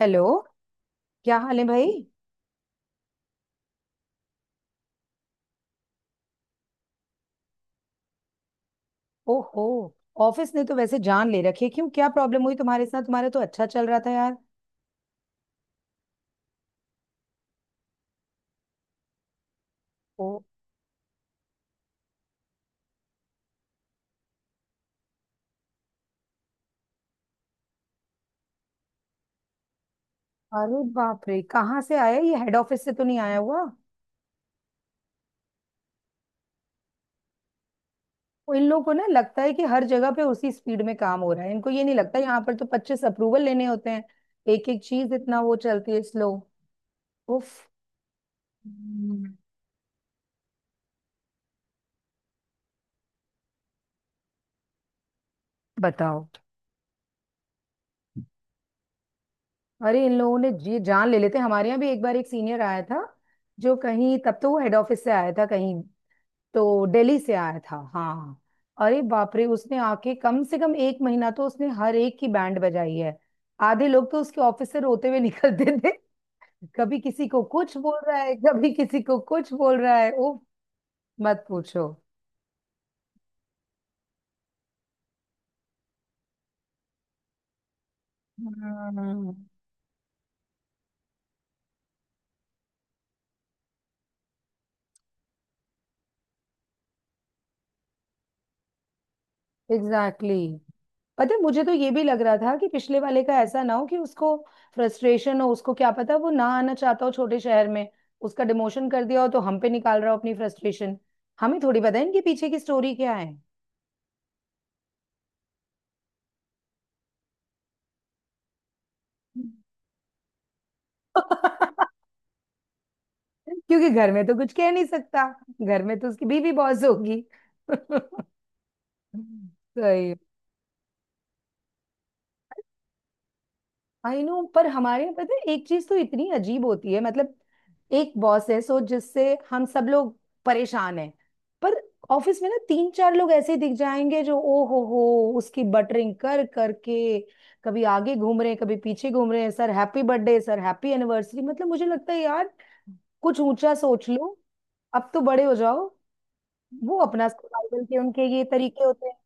Hello. क्या हाल है भाई? ओहो। ऑफिस ने तो वैसे जान ले रखी है। क्यों, क्या प्रॉब्लम हुई तुम्हारे साथ? तुम्हारा तो अच्छा चल रहा था यार। ओ। अरे बाप रे, कहाँ से आया ये? हेड ऑफिस से तो नहीं आया हुआ? वो इन लोगों को ना लगता है कि हर जगह पे उसी स्पीड में काम हो रहा है। इनको ये नहीं लगता, यहाँ पर तो 25 अप्रूवल लेने होते हैं। एक एक चीज इतना वो चलती है स्लो। उफ। हम्म। बताओ। अरे इन लोगों ने जी जान ले लेते हैं। हमारे यहाँ भी एक बार एक सीनियर आया था, जो कहीं, तब तो वो हेड ऑफिस से आया था, कहीं तो दिल्ली से आया था, हाँ। अरे बाप रे, उसने आके कम से कम एक महीना तो उसने हर एक की बैंड बजाई है। आधे लोग तो उसके ऑफिस से रोते हुए निकलते थे। कभी किसी को कुछ बोल रहा है, कभी किसी को कुछ बोल रहा है। ओ, मत पूछो। हम्म। Exactly, exactly. पता है, मुझे तो ये भी लग रहा था कि पिछले वाले का ऐसा ना हो कि उसको फ्रस्ट्रेशन हो। उसको क्या पता, वो ना आना चाहता हो छोटे शहर में, उसका डिमोशन कर दिया हो, तो हम पे निकाल रहा हो अपनी फ्रस्ट्रेशन। हमें थोड़ी पता है इनके पीछे की स्टोरी क्या है। क्योंकि घर में तो कुछ कह नहीं सकता। घर में तो उसकी बीवी बॉस होगी। सही। आई नो, पर हमारे यहाँ पता है एक चीज तो इतनी अजीब होती है, मतलब एक बॉस है सो जिससे हम सब लोग परेशान हैं। पर ऑफिस में ना तीन चार लोग ऐसे दिख जाएंगे जो ओ हो, उसकी बटरिंग कर करके कभी आगे घूम रहे हैं, कभी पीछे घूम रहे हैं, sir happy birthday sir happy anniversary. मतलब मुझे लगता है यार, कुछ ऊंचा सोच लो, अब तो बड़े हो जाओ। वो अपना सर्वाइवल के उनके ये तरीके होते हैं।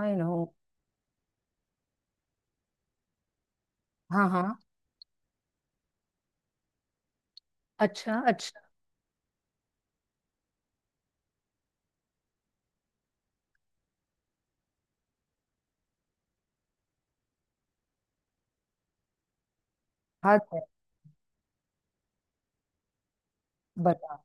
I know. हाँ हाँ। अच्छा अच्छा। हद है। बता।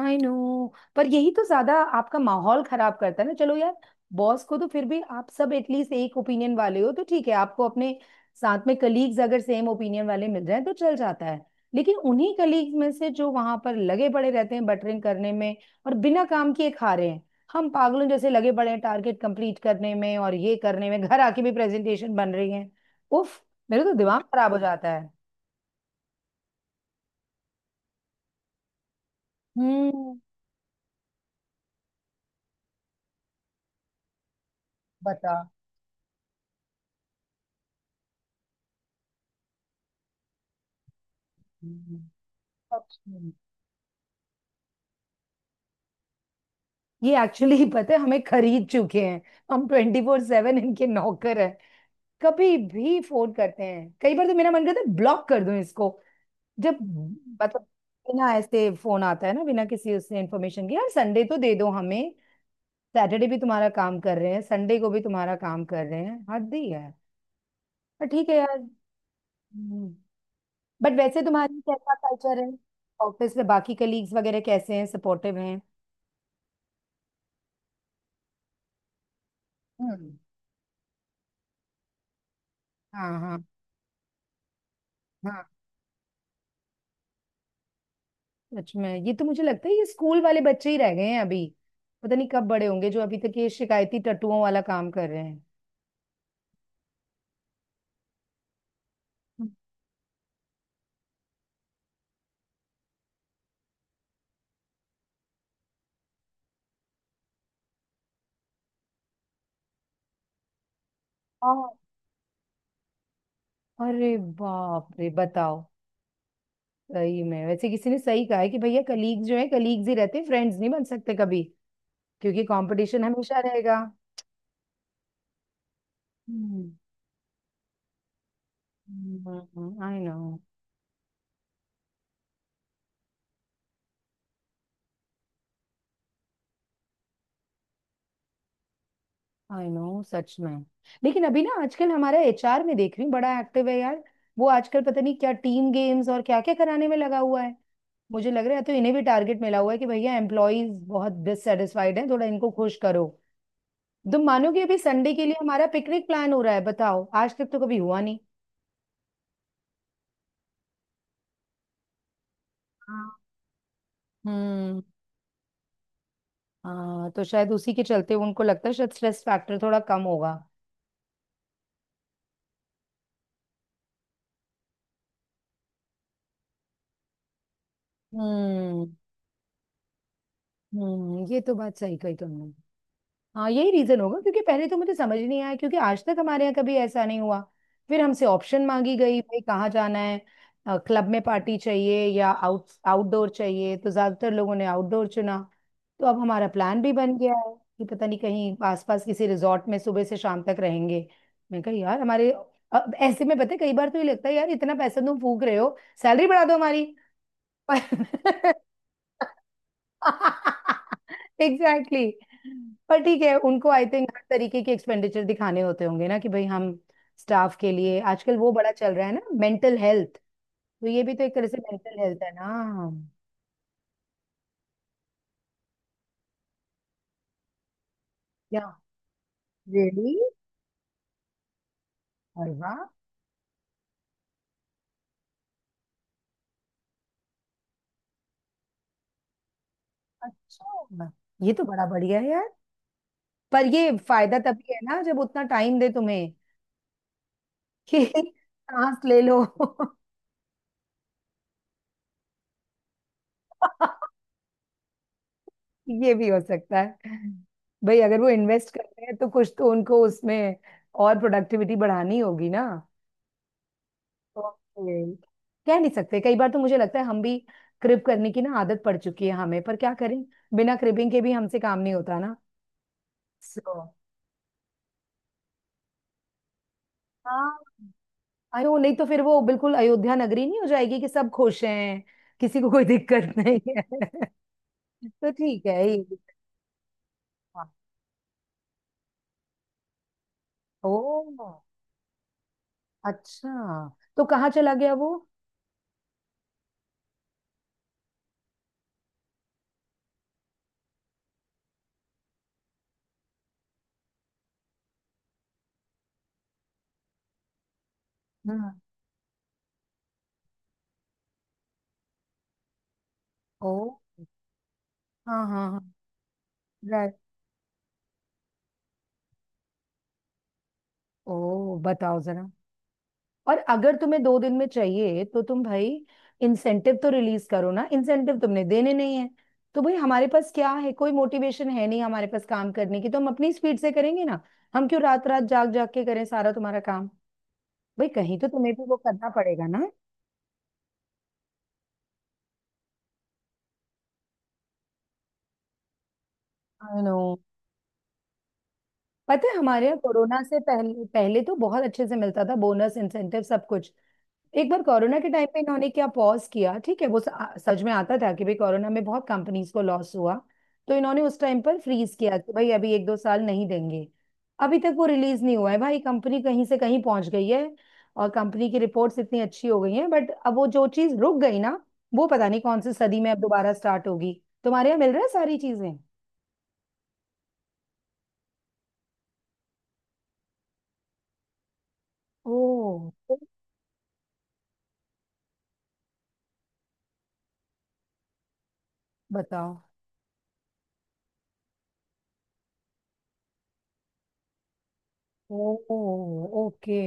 I know. पर यही तो ज्यादा आपका माहौल खराब करता है ना। चलो यार, बॉस को तो फिर भी आप सब एटलीस्ट एक ओपिनियन वाले हो तो ठीक है, आपको अपने साथ में कलीग्स अगर सेम ओपिनियन वाले मिल जाए तो चल जाता है। लेकिन उन्हीं कलीग्स में से जो वहां पर लगे पड़े रहते हैं बटरिंग करने में और बिना काम किए खा रहे हैं, हम पागलों जैसे लगे पड़े हैं टारगेट कंप्लीट करने में और ये करने में घर आके भी प्रेजेंटेशन बन रही है। उफ। मेरे तो दिमाग खराब हो जाता है। हम्म। बता। हम्म, सच में। ये एक्चुअली पता है, हमें खरीद चुके हैं। हम 24/7 इनके नौकर हैं। कभी भी फोन करते हैं, कई बार तो मेरा मन करता है ब्लॉक कर दूं इसको। जब मतलब बिना ऐसे फोन आता है ना, बिना किसी उसने इन्फॉर्मेशन के, यार संडे तो दे दो हमें। सैटरडे भी तुम्हारा काम कर रहे हैं, संडे को भी तुम्हारा काम कर रहे हैं, हद ही है। पर ठीक है यार। बट वैसे तुम्हारी कैसा कल्चर है? ऑफिस में बाकी कलीग्स वगैरह कैसे हैं? सपोर्टिव हैं? हम्म। हाँ हाँ। सच में, ये तो मुझे लगता है ये स्कूल वाले बच्चे ही रह गए हैं अभी। पता नहीं कब बड़े होंगे, जो अभी तक ये शिकायती टट्टुओं वाला काम कर रहे हैं। हाँ, अरे बाप रे, बताओ। सही में वैसे किसी ने सही कहा है कि भैया कलीग जो है कलीग्स ही रहते हैं, फ्रेंड्स नहीं बन सकते कभी, क्योंकि कंपटीशन हमेशा रहेगा। Hmm. I know. I know, सच में। लेकिन अभी ना, आजकल हमारा एचआर में देख रही हूँ बड़ा एक्टिव है यार। वो आजकल पता नहीं क्या टीम गेम्स और क्या क्या कराने में लगा हुआ है। मुझे लग रहा है तो इन्हें भी टारगेट मिला हुआ है कि भैया एम्प्लॉयज बहुत डिससेटिस्फाइड हैं, थोड़ा इनको खुश करो। तुम मानोगे, अभी संडे के लिए हमारा पिकनिक प्लान हो रहा है। बताओ, आज तक तो कभी हुआ नहीं। हाँ। हम्म। हाँ, तो शायद उसी के चलते उनको लगता है शायद स्ट्रेस फैक्टर थोड़ा कम होगा। हम्म। हम्म, ये तो बात सही कही तुमने। हाँ, यही रीजन होगा, क्योंकि पहले तो मुझे समझ नहीं आया, क्योंकि आज तक हमारे यहाँ कभी ऐसा नहीं हुआ। फिर हमसे ऑप्शन मांगी गई, भाई कहाँ जाना है, क्लब में पार्टी चाहिए या आउटडोर चाहिए, तो ज्यादातर लोगों ने आउटडोर चुना। तो अब हमारा प्लान भी बन गया है कि पता नहीं कहीं आसपास किसी रिजॉर्ट में सुबह से शाम तक रहेंगे। मैं कहा यार हमारे, अब ऐसे में पता है कई बार तो ये लगता है यार इतना पैसा तुम फूक रहे हो, सैलरी बढ़ा दो हमारी। पर एग्जैक्टली, exactly. पर ठीक है, उनको आई थिंक हर तरीके के एक्सपेंडिचर दिखाने होते होंगे ना, कि भाई हम स्टाफ के लिए। आजकल वो बड़ा चल रहा है ना मेंटल हेल्थ, तो ये भी तो एक तरह से मेंटल हेल्थ है ना। या, रियली? अरे वाह। अच्छा, ये तो बड़ा बढ़िया है यार। पर ये फायदा तभी है ना जब उतना टाइम दे तुम्हें। कि सांस ले लो। ये भी हो सकता है। भाई अगर वो इन्वेस्ट कर रहे हैं तो कुछ तो उनको उसमें और प्रोडक्टिविटी बढ़ानी होगी ना। ओके। कह नहीं सकते, कई बार तो मुझे लगता है हम भी क्रिप करने की ना आदत पड़ चुकी है हमें, पर क्या करें, बिना क्रिपिंग के भी हमसे काम नहीं होता ना। सो। हाँ। अयो नहीं, तो फिर वो बिल्कुल अयोध्या नगरी नहीं हो जाएगी कि सब खुश हैं, किसी को कोई दिक्कत नहीं है। तो ठीक है ये भी- हाँ। ओ, अच्छा, तो कहाँ चला गया वो? ओ। हाँ हाँ हाँ। राइट। ओ, बताओ जरा। और अगर तुम्हें दो दिन में चाहिए तो तुम भाई इंसेंटिव तो रिलीज करो ना। इंसेंटिव तुमने देने नहीं है, तो भाई हमारे पास क्या है, कोई मोटिवेशन है नहीं हमारे पास काम करने की, तो हम अपनी स्पीड से करेंगे ना। हम क्यों रात रात जाग जाग के करें सारा तुम्हारा काम? भाई कहीं तो तुम्हें भी वो करना पड़ेगा ना। I know. पता है हमारे यहाँ कोरोना से पहले पहले तो बहुत अच्छे से मिलता था बोनस, इंसेंटिव, सब कुछ। एक बार कोरोना के टाइम पे इन्होंने क्या पॉज किया, ठीक है, वो सच में आता था कि भाई कोरोना में बहुत कंपनीज को लॉस हुआ। तो इन्होंने उस टाइम पर फ्रीज किया कि भाई अभी एक दो साल नहीं देंगे। अभी तक वो रिलीज नहीं हुआ है भाई, कंपनी कहीं से कहीं पहुंच गई है और कंपनी की रिपोर्ट्स इतनी अच्छी हो गई हैं, बट अब वो जो चीज रुक गई ना, वो पता नहीं कौन सी सदी में अब दोबारा स्टार्ट होगी। तुम्हारे यहाँ मिल रहा है सारी चीजें? ओ तो, बताओ। ओ। ओके।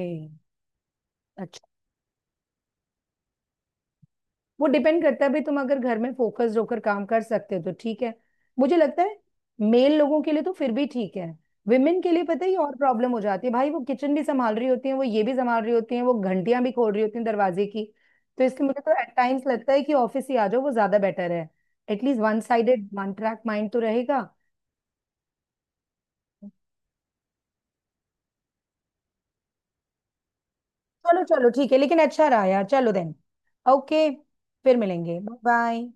वो डिपेंड करता है भाई, तुम अगर घर में फोकस्ड होकर काम कर सकते हो तो ठीक है। मुझे लगता है मेल लोगों के लिए तो फिर भी ठीक है, विमेन के लिए पता है ये और प्रॉब्लम हो जाती है भाई। वो किचन भी संभाल रही होती है, वो ये भी संभाल रही होती है, वो घंटियां भी खोल रही होती हैं दरवाजे की। तो इसलिए मुझे तो एट टाइम्स लगता है कि ऑफिस ही आ जाओ, वो ज्यादा बेटर है। At least one sided one track mind तो रहेगा। चलो चलो ठीक है, लेकिन अच्छा रहा यार, चलो देन। ओके। फिर मिलेंगे, बाय बाय।